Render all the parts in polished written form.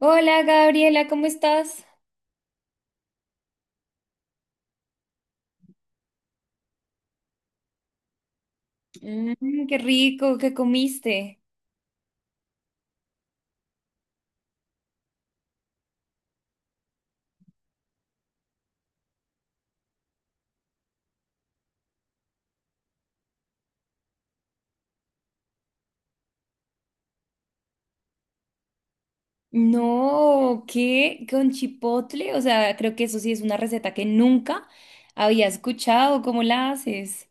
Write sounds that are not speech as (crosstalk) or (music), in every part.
Hola Gabriela, ¿cómo estás? Mm, qué rico, ¿qué comiste? No, ¿qué? ¿Con chipotle? O sea, creo que eso sí es una receta que nunca había escuchado. ¿Cómo la haces?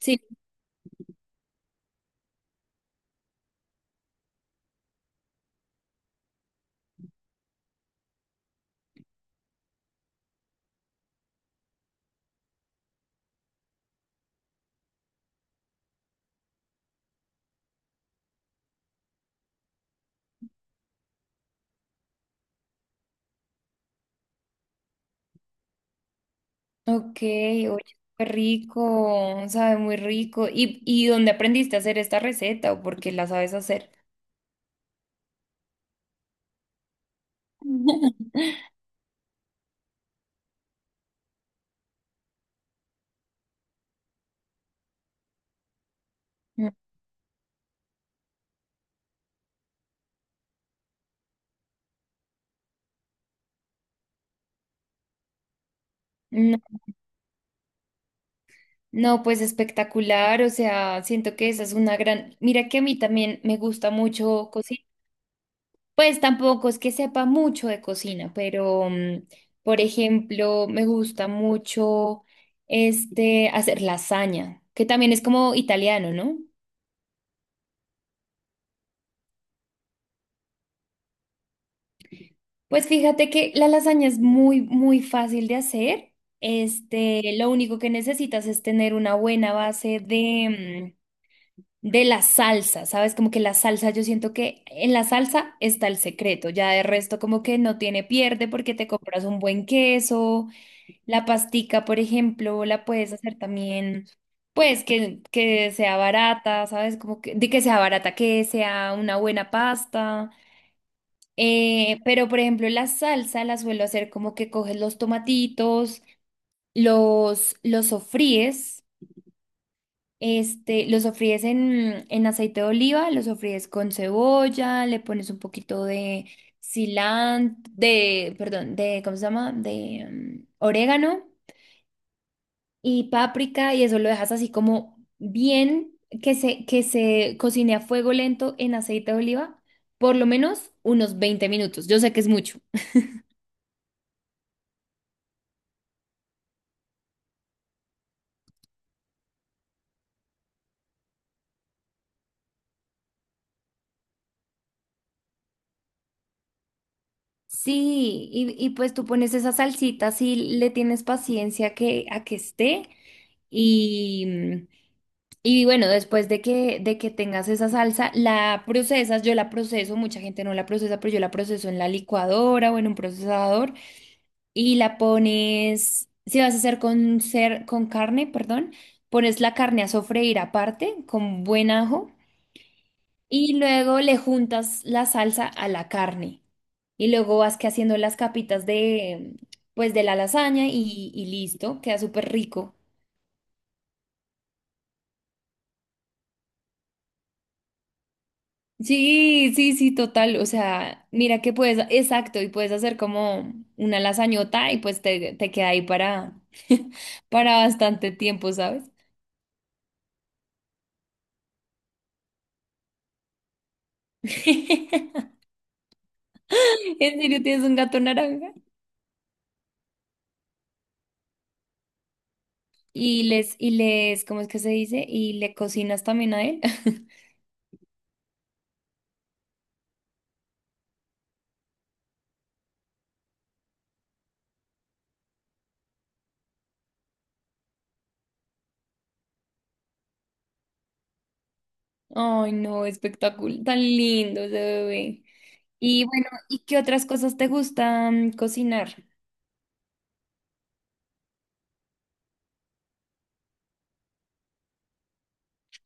Sí. Ok, oye, qué rico, sabe muy rico. Y dónde aprendiste a hacer esta receta o por qué la sabes hacer? (laughs) Mm, no, no, pues espectacular, o sea, siento que esa es una gran... Mira que a mí también me gusta mucho cocinar. Pues tampoco es que sepa mucho de cocina, pero por ejemplo, me gusta mucho hacer lasaña, que también es como italiano, ¿no? Pues fíjate que la lasaña es muy, muy fácil de hacer. Este, lo único que necesitas es tener una buena base de la salsa, ¿sabes? Como que la salsa, yo siento que en la salsa está el secreto, ya de resto como que no tiene pierde porque te compras un buen queso. La pastica, por ejemplo, la puedes hacer también, pues que sea barata, ¿sabes? Como que, de que sea barata, que sea una buena pasta. Pero, por ejemplo, la salsa la suelo hacer como que coges los tomatitos, los sofríes, este, los sofríes en aceite de oliva, los sofríes con cebolla, le pones un poquito de cilantro, de, perdón, de, ¿cómo se llama? De orégano. Y páprica y eso lo dejas así como bien que se cocine a fuego lento en aceite de oliva, por lo menos unos 20 minutos. Yo sé que es mucho. Sí, y pues tú pones esa salsita si le tienes paciencia que, a que esté y, mm, y bueno, después de que tengas esa salsa, la procesas, yo la proceso, mucha gente no la procesa, pero yo la proceso en la licuadora o en un procesador y la pones, si vas a hacer con, cer- con carne, perdón, pones la carne a sofreír aparte con buen ajo y luego le juntas la salsa a la carne. Y luego vas que haciendo las capitas de, pues de la lasaña y listo, queda súper rico. Sí, sí, sí, total. O sea, mira que puedes, exacto, y puedes hacer como una lasañota y pues te queda ahí para, (laughs) para bastante tiempo, ¿sabes? (laughs) ¿En serio tienes un gato naranja? ¿Cómo es que se dice? Y le cocinas también a él. (laughs) Ay, no, espectacular, tan lindo ese bebé. Y bueno, ¿y qué otras cosas te gustan cocinar?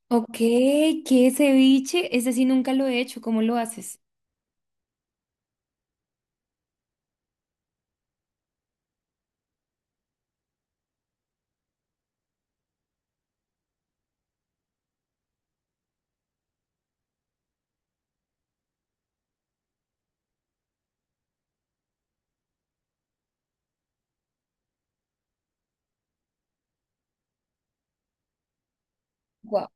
Ok, qué ceviche, ese sí nunca lo he hecho, ¿cómo lo haces? Guau.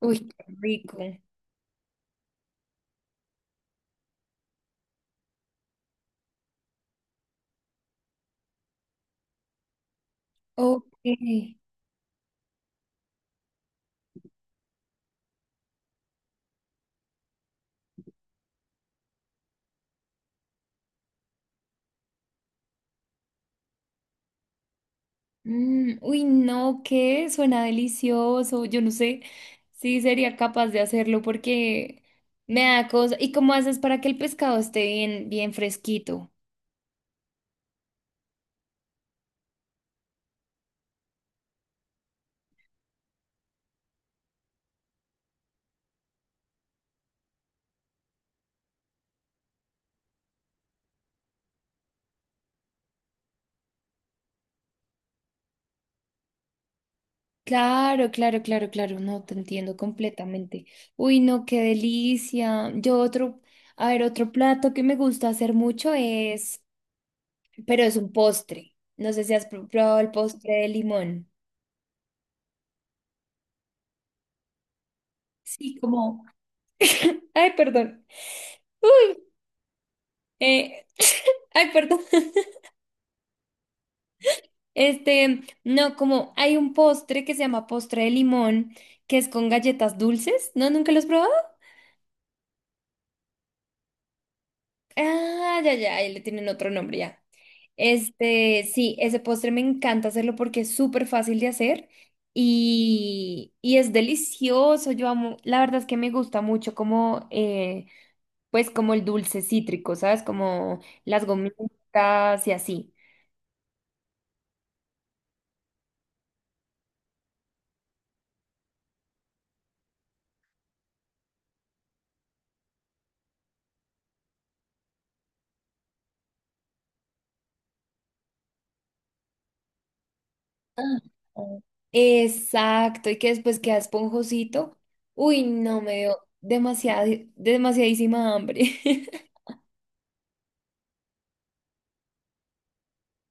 Uy, qué rico. Ok. Mm, uy, no, ¿qué? Suena delicioso. Yo no sé si sería capaz de hacerlo porque me da cosa. ¿Y cómo haces para que el pescado esté bien, bien fresquito? Claro, claro, claro, claro. No, te entiendo completamente. Uy, no, qué delicia. Yo otro, a ver, otro plato que me gusta hacer mucho es, pero es un postre. No sé si has pr- probado el postre de limón. Sí, como, ay, perdón. Uy, eh, (laughs) ay, perdón. Este, no, como hay un postre que se llama postre de limón, que es con galletas dulces. ¿No? ¿Nunca lo has probado? Ah, ya, ya, ahí le tienen otro nombre ya. Este, sí, ese postre me encanta hacerlo porque es súper fácil de hacer y es delicioso. Yo amo, la verdad es que me gusta mucho como, pues como el dulce cítrico, ¿sabes? Como las gomitas y así. Ah, oh. Exacto, y que después queda esponjosito. Uy, no, me dio demasiada, demasiadísima hambre. (laughs)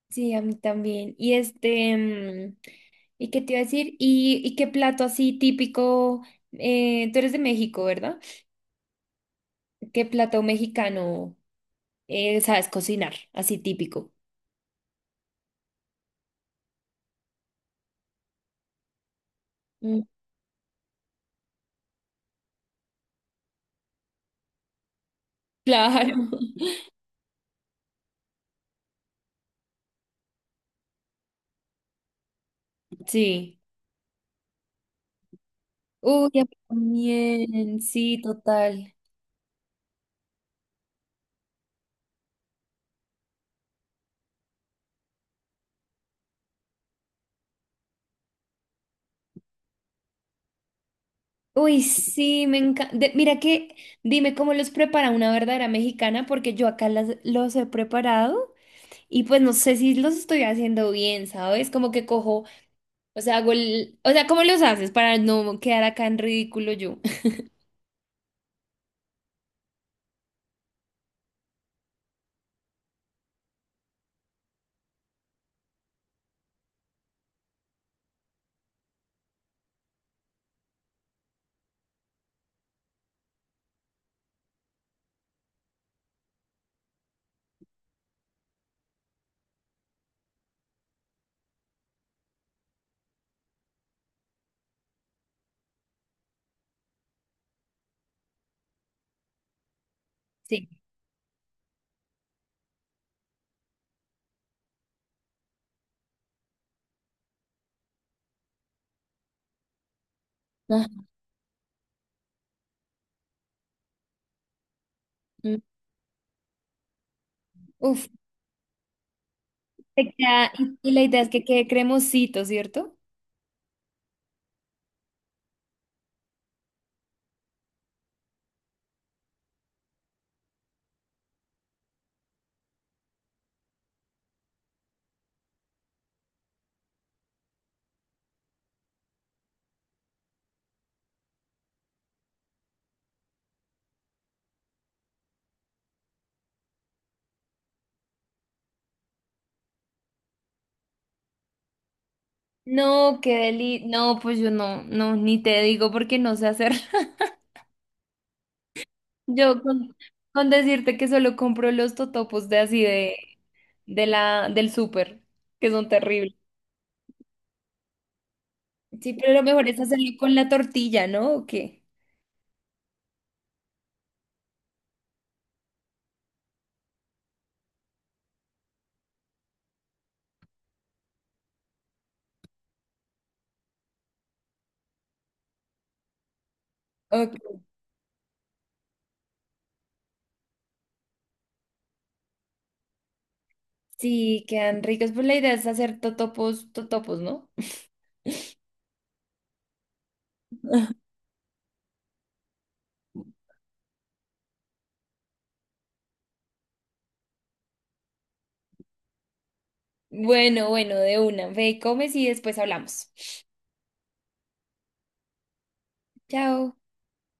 Sí, a mí también. Y este, ¿y qué te iba a decir? Y qué plato así típico? Tú eres de México, ¿verdad? ¿Qué plato mexicano sabes cocinar? Así típico. Mm. Claro. (laughs) Sí. Uy, a mí también, sí, total. Uy, sí, me encanta. Mira que, dime cómo los prepara una verdadera mexicana, porque yo acá los he preparado y pues no sé si los estoy haciendo bien, ¿sabes? Como que cojo, o sea, hago el, o sea, ¿cómo los haces para no quedar acá en ridículo yo? (laughs) Sí. Ajá. Uf, te queda- y la idea es que quede cremosito, ¿cierto? No, qué deli, no, pues yo no, no, ni te digo porque no sé hacer. (laughs) Yo con decirte que solo compro los totopos de así de la, del súper, que son terribles. Sí, pero lo mejor es hacerlo con la tortilla, ¿no? ¿O qué? Ok. Sí, quedan ricos. Pues la idea es hacer totopos, totopos, ¿no? (laughs) Bueno, bueno, de una. Ve, comes y después hablamos. Chao.